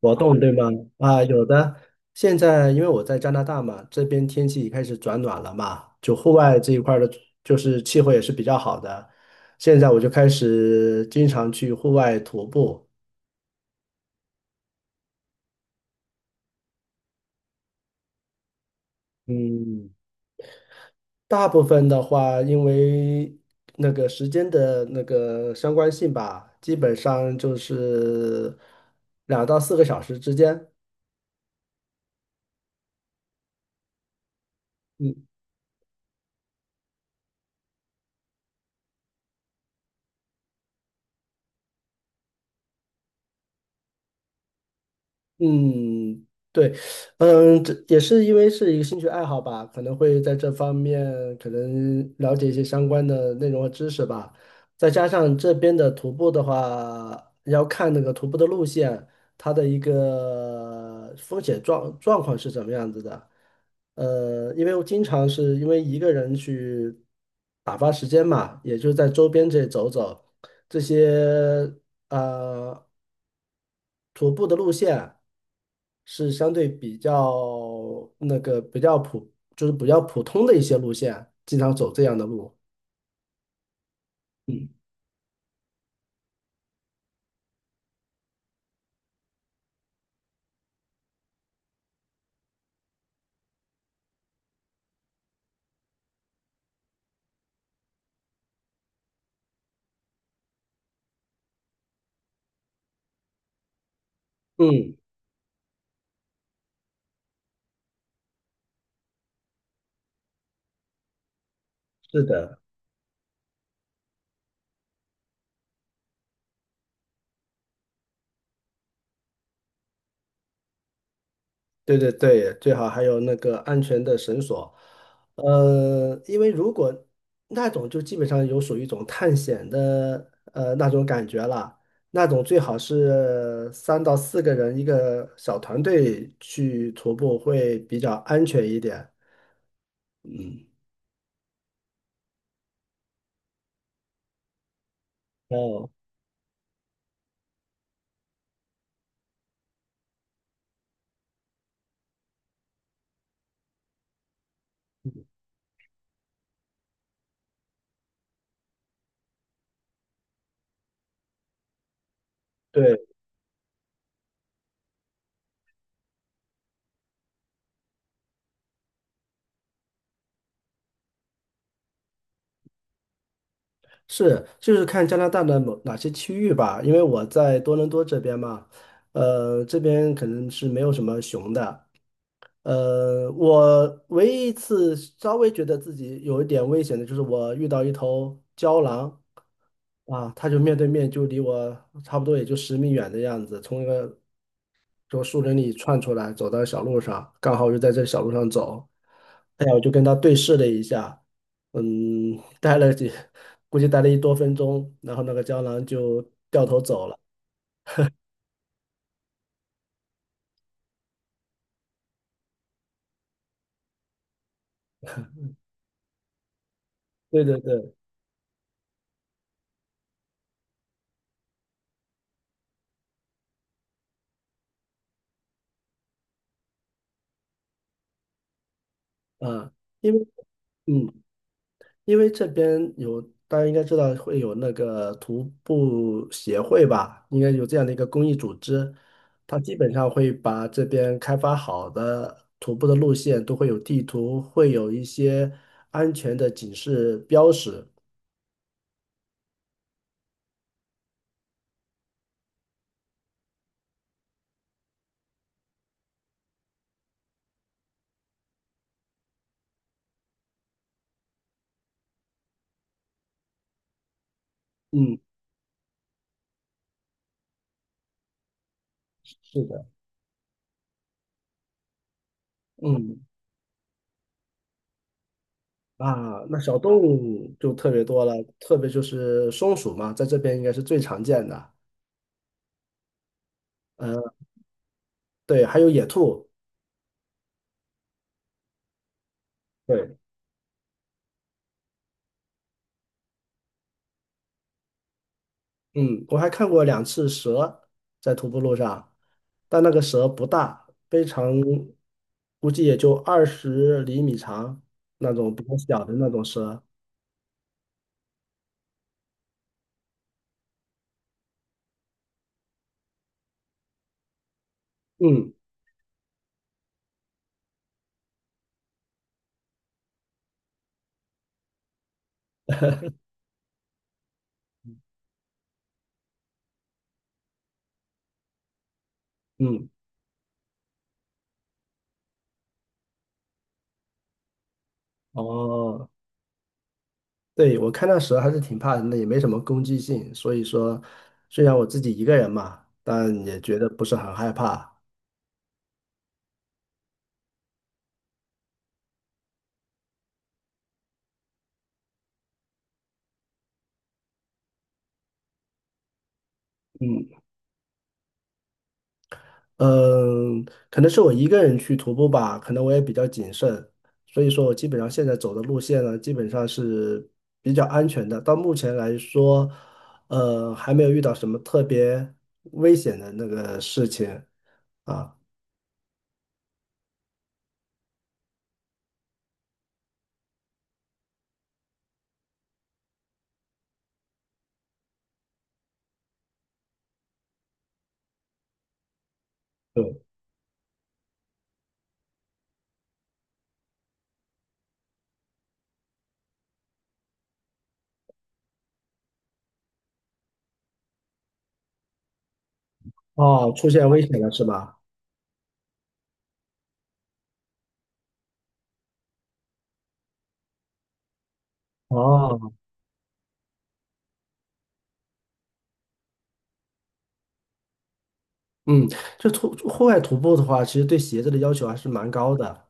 活动，对吗？啊，有的。现在因为我在加拿大嘛，这边天气开始转暖了嘛，就户外这一块儿的，就是气候也是比较好的。现在我就开始经常去户外徒步。嗯，大部分的话，因为那个时间的那个相关性吧，基本上就是2到4个小时之间。嗯嗯，对，嗯，这也是因为是一个兴趣爱好吧，可能会在这方面可能了解一些相关的内容和知识吧。再加上这边的徒步的话，要看那个徒步的路线，它的一个风险状况是怎么样子的。因为我经常是因为一个人去打发时间嘛，也就在周边这里走走，这些呃徒步的路线。是相对比较那个比较普，就是比较普通的一些路线，经常走这样的路。嗯嗯，是的，对对对，最好还有那个安全的绳索。因为如果那种就基本上有属于一种探险的那种感觉了，那种最好是3到4个人一个小团队去徒步会比较安全一点。嗯，哦，对。是，就是看加拿大的哪些区域吧，因为我在多伦多这边嘛，这边可能是没有什么熊的，我唯一一次稍微觉得自己有一点危险的就是我遇到一头郊狼啊，它就面对面就离我差不多也就10米远的样子，从一个从树林里窜出来，走到小路上，刚好就在这小路上走。哎呀，我就跟他对视了一下，嗯，待了几，估计待了一多分钟，然后那个胶囊就掉头走了。对对对，啊、因为嗯。因为这边有，大家应该知道会有那个徒步协会吧，应该有这样的一个公益组织，它基本上会把这边开发好的徒步的路线都会有地图，会有一些安全的警示标识。嗯，是的，嗯啊，那小动物就特别多了，特别就是松鼠嘛，在这边应该是最常见的。呃，对，还有野兔。对。嗯，我还看过两次蛇在徒步路上，但那个蛇不大，非常，估计也就20厘米长，那种比较小的那种蛇。嗯嗯，哦，对，我看那蛇还是挺怕人的，也没什么攻击性，所以说虽然我自己一个人嘛，但也觉得不是很害怕。嗯嗯，可能是我一个人去徒步吧，可能我也比较谨慎，所以说我基本上现在走的路线呢，基本上是比较安全的。到目前来说，还没有遇到什么特别危险的那个事情啊。对，哦，出现危险了是吧？哦，嗯，就户外徒步的话，其实对鞋子的要求还是蛮高的。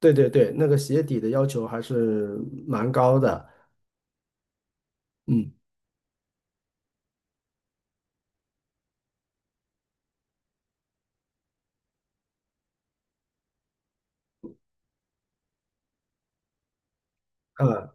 对对对，那个鞋底的要求还是蛮高的。嗯，啊，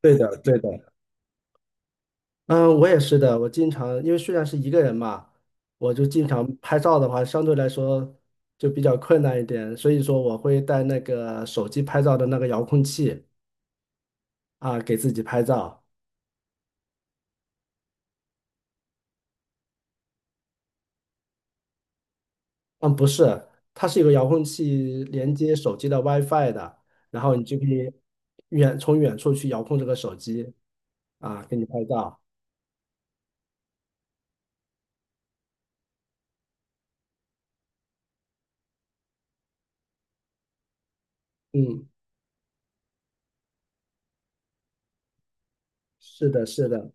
对的，对的。嗯，我也是的。我经常因为虽然是一个人嘛，我就经常拍照的话，相对来说就比较困难一点，所以说我会带那个手机拍照的那个遥控器啊，给自己拍照。嗯，不是，它是有个遥控器连接手机的 WiFi 的，然后你就可以从远处去遥控这个手机啊，给你拍照。嗯，是的，是的。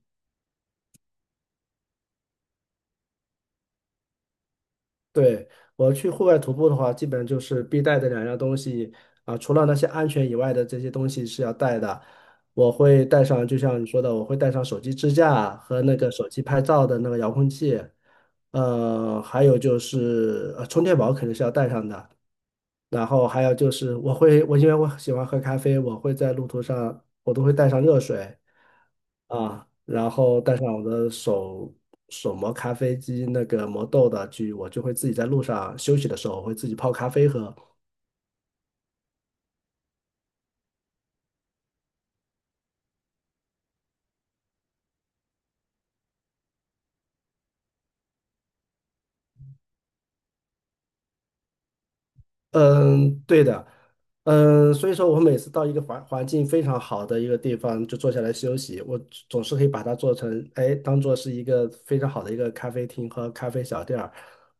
对，我去户外徒步的话，基本就是必带的两样东西啊，除了那些安全以外的这些东西是要带的。我会带上，就像你说的，我会带上手机支架和那个手机拍照的那个遥控器，还有就是充电宝肯定是要带上的，然后还有就是我因为我喜欢喝咖啡，我会在路途上我都会带上热水啊，然后带上我的手磨咖啡机那个磨豆的去，我就会自己在路上休息的时候我会自己泡咖啡喝，嗯，对的，嗯，所以说我每次到一个环境非常好的一个地方就坐下来休息，我总是可以把它做成，哎，当做是一个非常好的一个咖啡厅和咖啡小店儿，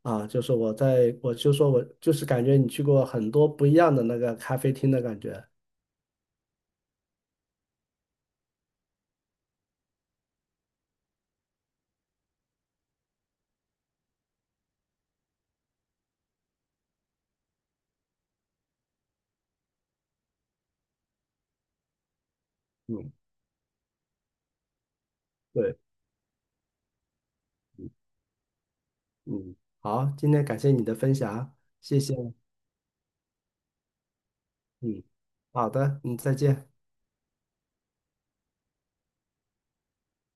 啊，就是我在，我就说我就是感觉你去过很多不一样的那个咖啡厅的感觉，嗯，对，嗯，好，今天感谢你的分享，谢谢，嗯，好的，嗯，再见。